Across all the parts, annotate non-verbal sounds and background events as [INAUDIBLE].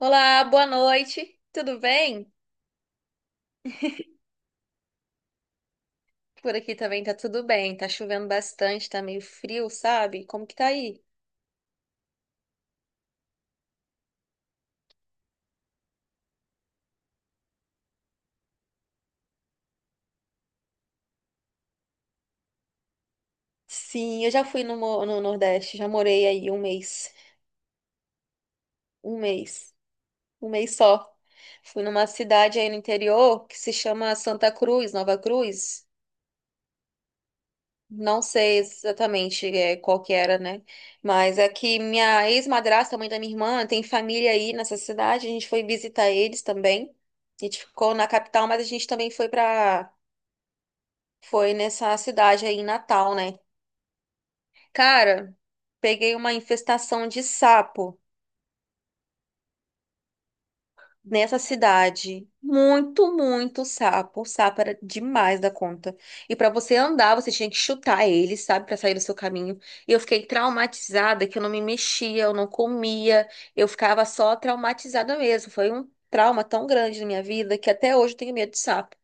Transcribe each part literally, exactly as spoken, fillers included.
Olá, boa noite. Tudo bem? Por aqui também tá tudo bem. Tá chovendo bastante, tá meio frio, sabe? Como que tá aí? Sim, eu já fui no, mo- no Nordeste, já morei aí um mês. Um mês. Um mês só. Fui numa cidade aí no interior que se chama Santa Cruz, Nova Cruz. Não sei exatamente é, qual que era, né? Mas é que minha ex-madrasta, mãe da minha irmã, tem família aí nessa cidade. A gente foi visitar eles também. A gente ficou na capital, mas a gente também foi para Foi nessa cidade aí em Natal, né? Cara, peguei uma infestação de sapo nessa cidade. Muito, muito sapo. O sapo era demais da conta. E pra você andar, você tinha que chutar ele, sabe, pra sair do seu caminho. E eu fiquei traumatizada que eu não me mexia, eu não comia, eu ficava só traumatizada mesmo. Foi um trauma tão grande na minha vida que até hoje eu tenho medo de sapo.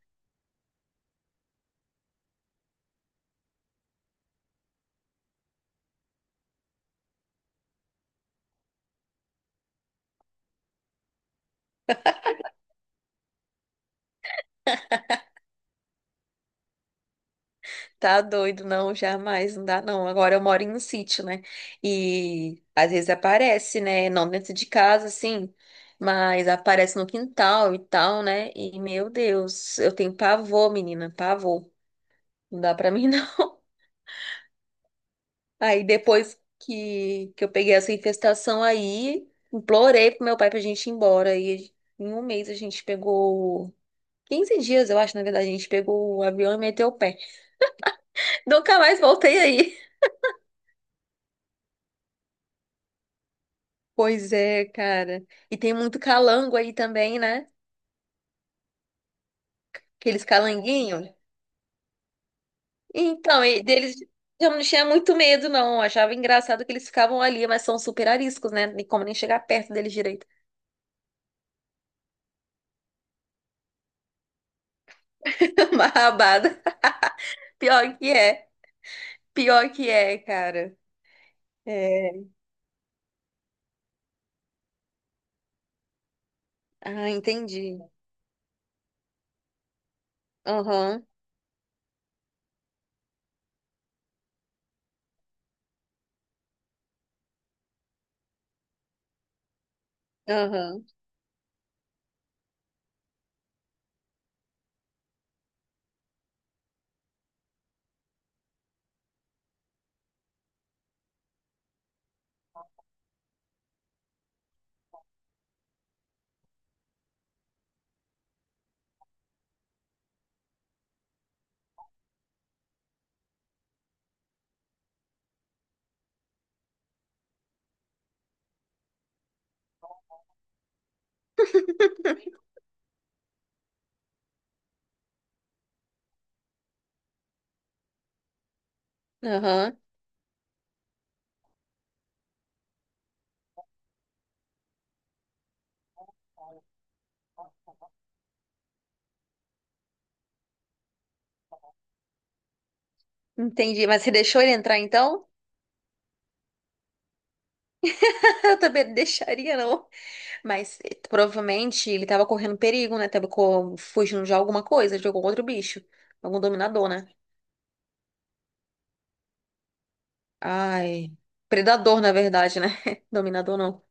Tá doido, não, jamais, não dá não. Agora eu moro em um sítio, né? E às vezes aparece, né? Não dentro de casa, assim, mas aparece no quintal e tal, né? E meu Deus, eu tenho pavor, menina, pavor. Não dá pra mim, não. [LAUGHS] Aí depois que, que eu peguei essa infestação aí, implorei pro meu pai pra gente ir embora. E em um mês a gente pegou quinze dias, eu acho, na verdade, a gente pegou o avião e meteu o pé. [LAUGHS] Nunca mais voltei aí. Pois é, cara. E tem muito calango aí também, né? Aqueles calanguinhos. Então, e deles eu não tinha muito medo, não. Eu achava engraçado que eles ficavam ali, mas são super ariscos, né? Nem como nem chegar perto deles direito. [LAUGHS] Uma rabada. Pior que é. Pior que é, cara. É. Ah, entendi. Aham, aham, aham. Entendi. Mas você deixou ele entrar então? [LAUGHS] Eu também não deixaria, não. Mas eh, provavelmente ele tava correndo perigo, né? Tava co- fugindo de alguma coisa, de algum outro bicho. Algum dominador, né? Ai. Predador, na verdade, né? [LAUGHS] Dominador não.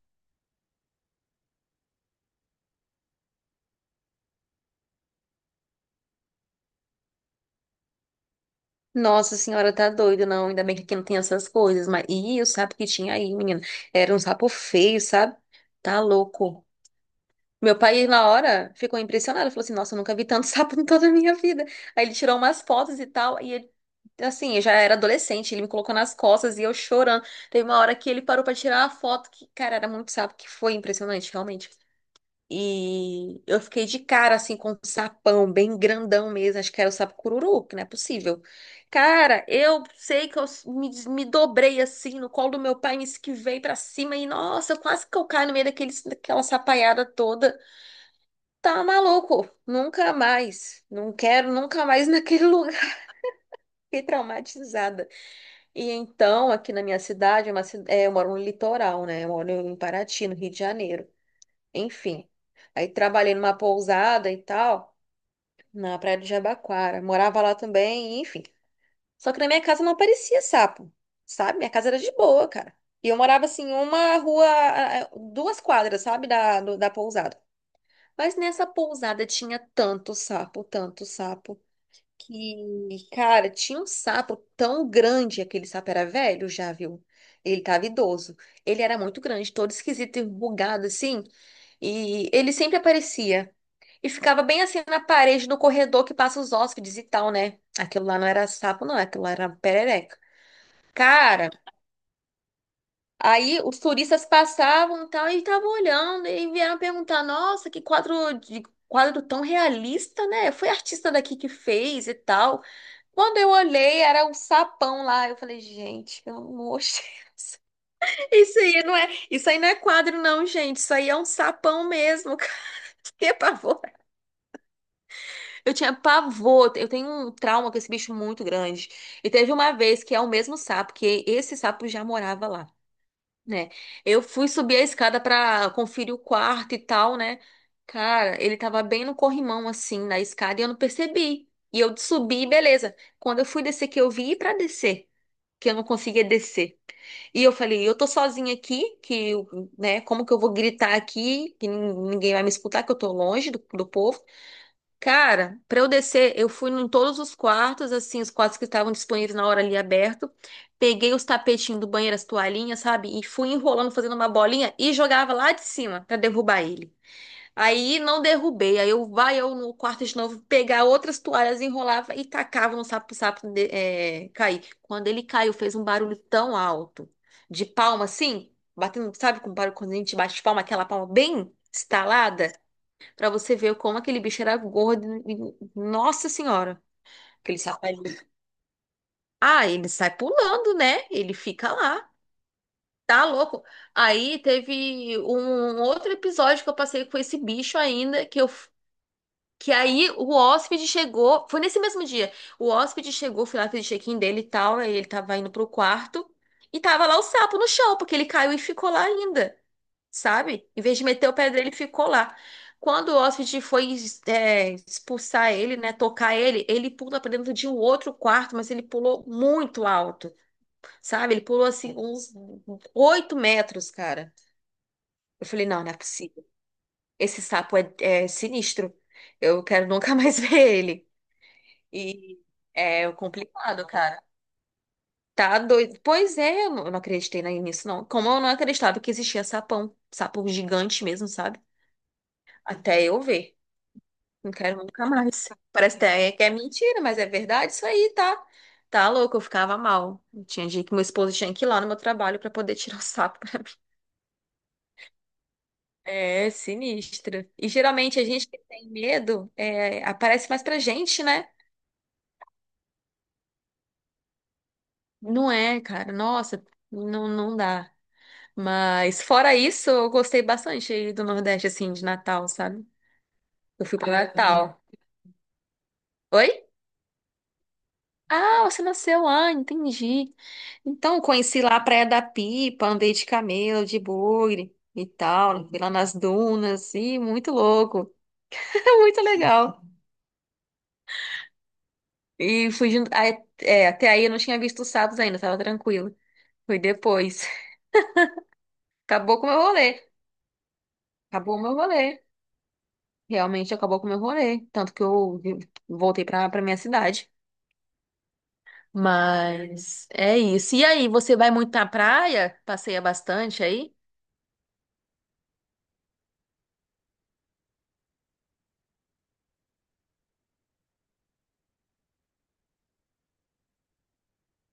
Nossa senhora, tá doido, não. Ainda bem que aqui não tem essas coisas. Mas. Ih, o sapo que tinha aí, menina. Era um sapo feio, sabe? Tá louco. Meu pai, na hora, ficou impressionado. Falou assim: Nossa, eu nunca vi tanto [LAUGHS] sapo em toda a minha vida. Aí ele tirou umas fotos e tal. E ele, assim, eu já era adolescente. Ele me colocou nas costas e eu chorando. Teve uma hora que ele parou pra tirar uma foto que, cara, era muito sapo, que foi impressionante, realmente. E eu fiquei de cara, assim, com um sapão bem grandão mesmo. Acho que era o sapo cururu, que não é possível. Cara, eu sei que eu me, me dobrei assim no colo do meu pai, me esquivei pra cima e, nossa, quase que eu caio no meio daquele, daquela sapaiada toda. Tá maluco, nunca mais. Não quero nunca mais naquele [LAUGHS] lugar. Fiquei traumatizada. E então, aqui na minha cidade, é uma ci- é, eu moro no litoral, né? Eu moro em Paraty, no Rio de Janeiro. Enfim. Aí trabalhei numa pousada e tal, na Praia de Jabaquara. Morava lá também, enfim. Só que na minha casa não aparecia sapo, sabe? Minha casa era de boa, cara. E eu morava assim, uma rua, eh, eh, duas quadras, sabe? Da, do- da pousada. Mas nessa pousada tinha tanto sapo, tanto sapo, que, cara, tinha um sapo tão grande, aquele sapo era velho, já viu? Ele tava idoso. Ele era muito grande, todo esquisito, enrugado assim, e ele sempre aparecia. E ficava bem assim na parede do corredor que passa os hóspedes e tal, né? Aquilo lá não era sapo, não, aquilo lá era perereca. Cara, aí os turistas passavam e tal, e estavam olhando, e vieram perguntar: nossa, que quadro de quadro tão realista, né? Foi artista daqui que fez e tal. Quando eu olhei, era um sapão lá. Eu falei, gente, pelo amor de Deus. [LAUGHS] Isso aí não é, isso aí não é quadro, não, gente. Isso aí é um sapão mesmo, cara. [LAUGHS] Que pavor. Eu tinha pavor. Eu tenho um trauma com esse bicho muito grande. E teve uma vez que é o mesmo sapo, que esse sapo já morava lá, né? Eu fui subir a escada pra conferir o quarto e tal, né? Cara, ele tava bem no corrimão, assim, na escada, e eu não percebi. E eu subi, beleza. Quando eu fui descer, que eu vi pra descer que eu não conseguia descer. E eu falei, eu tô sozinha aqui, que, eu- né, como que eu vou gritar aqui, que nin- ninguém vai me escutar, que eu tô longe do, do povo. Cara, pra eu descer, eu fui em todos os quartos, assim, os quartos que estavam disponíveis na hora ali aberto, peguei os tapetinhos do banheiro, as toalhinhas, sabe, e fui enrolando, fazendo uma bolinha e jogava lá de cima pra derrubar ele. Aí não derrubei. Aí eu vai eu no quarto de novo pegar outras toalhas, enrolava e tacava no sapo pro sapo de- eh, cair. Quando ele caiu, fez um barulho tão alto, de palma assim, batendo, sabe, com barulho quando a gente bate palma, aquela palma bem estalada, pra você ver como aquele bicho era gordo. e- Nossa Senhora, aquele sapo. Ah, ele sai pulando, né? Ele fica lá. Tá louco? Aí teve um um outro episódio que eu passei com esse bicho ainda, que eu que aí o hóspede chegou, foi nesse mesmo dia. O hóspede chegou, fui lá, fiz o check-in dele e tal, aí ele tava indo pro quarto e tava lá o sapo no chão, porque ele caiu e ficou lá ainda, sabe? Em vez de meter o pé dele, ele ficou lá. Quando o hóspede foi é, expulsar ele, né, tocar ele, ele pula pra dentro de um outro quarto, mas ele pulou muito alto, sabe? Ele pulou assim uns oito metros, cara. Eu falei, não, não é possível. Esse sapo é é sinistro. Eu quero nunca mais [LAUGHS] ver ele. E é complicado, cara. Tá doido. Pois é, eu não eu não acreditei na- nisso, não. Como eu não acreditava que existia sapão, sapo gigante mesmo, sabe? Até eu ver. Não quero nunca mais. Parece até que é mentira, mas é verdade isso aí, tá? Tá louco, eu ficava mal. Tinha dia que meu esposo tinha que ir lá no meu trabalho pra poder tirar o sapo. [LAUGHS] É sinistra. E geralmente a gente que tem medo é, aparece mais pra gente, né? Não é, cara. Nossa, não, não dá. Mas fora isso, eu gostei bastante do Nordeste, assim, de Natal, sabe? Eu fui pra Ah, Natal. Oi? Ah, você nasceu lá, entendi. Então, eu conheci lá a Praia da Pipa, andei de camelo, de bugre e tal, fui lá nas dunas, e muito louco, [LAUGHS] muito legal. E fui junto, aí- é, é, até aí eu não tinha visto os sapos ainda, tava tranquilo. Foi depois. [LAUGHS] Acabou com o meu rolê, acabou o meu rolê. Realmente acabou com o meu rolê, tanto que eu eu voltei pra, pra minha cidade. Mas é isso. E aí, você vai muito na praia? Passeia bastante aí?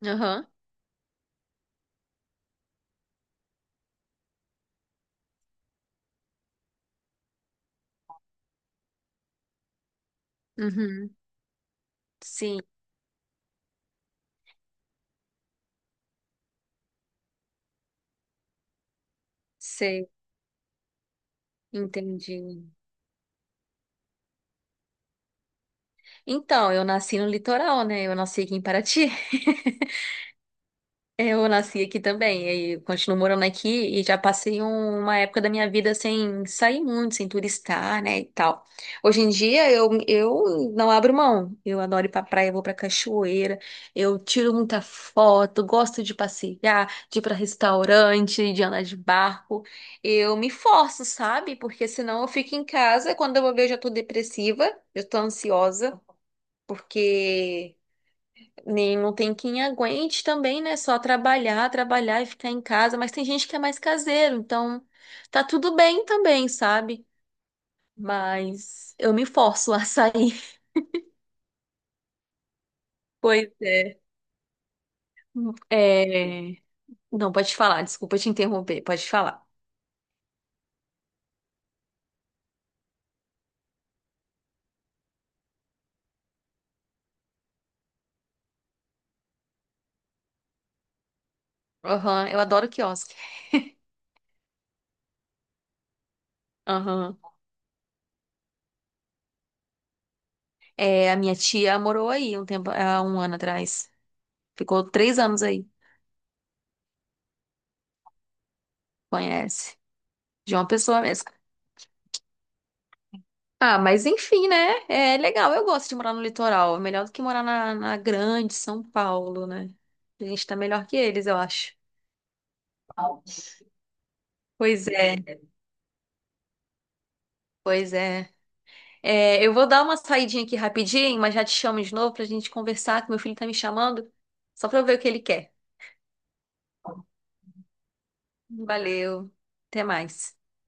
Aham. Uhum. Sim, sei. Entendi. Então, eu nasci no litoral, né? Eu nasci aqui em Paraty. [LAUGHS] Eu nasci aqui também, e continuo morando aqui e já passei um- uma época da minha vida sem sair muito, sem turistar, né, e tal. Hoje em dia eu, eu não abro mão. Eu adoro ir pra praia, vou pra cachoeira, eu tiro muita foto, gosto de passear, de ir pra restaurante, de andar de barco. Eu me forço, sabe? Porque senão eu fico em casa, quando eu vou ver eu já tô depressiva, eu tô ansiosa, porque nem não tem quem aguente também, né? Só trabalhar, trabalhar e ficar em casa. Mas tem gente que é mais caseiro, então tá tudo bem também, sabe? Mas eu me forço a sair. [LAUGHS] Pois é. É, Não, pode falar, desculpa te interromper, pode falar. Aham, eu adoro quiosque. Aham. É, a minha tia morou aí um tempo, há um ano atrás. Ficou três anos aí, conhece. De uma pessoa mesmo. Ah, mas enfim, né? É legal, eu gosto de morar no litoral. É melhor do que morar na, na grande São Paulo, né? A gente tá melhor que eles, eu acho. Pois é, pois é. É, eu vou dar uma saidinha aqui rapidinho, mas já te chamo de novo pra gente conversar, que meu filho tá me chamando, só pra eu ver o que ele quer. Valeu, até mais.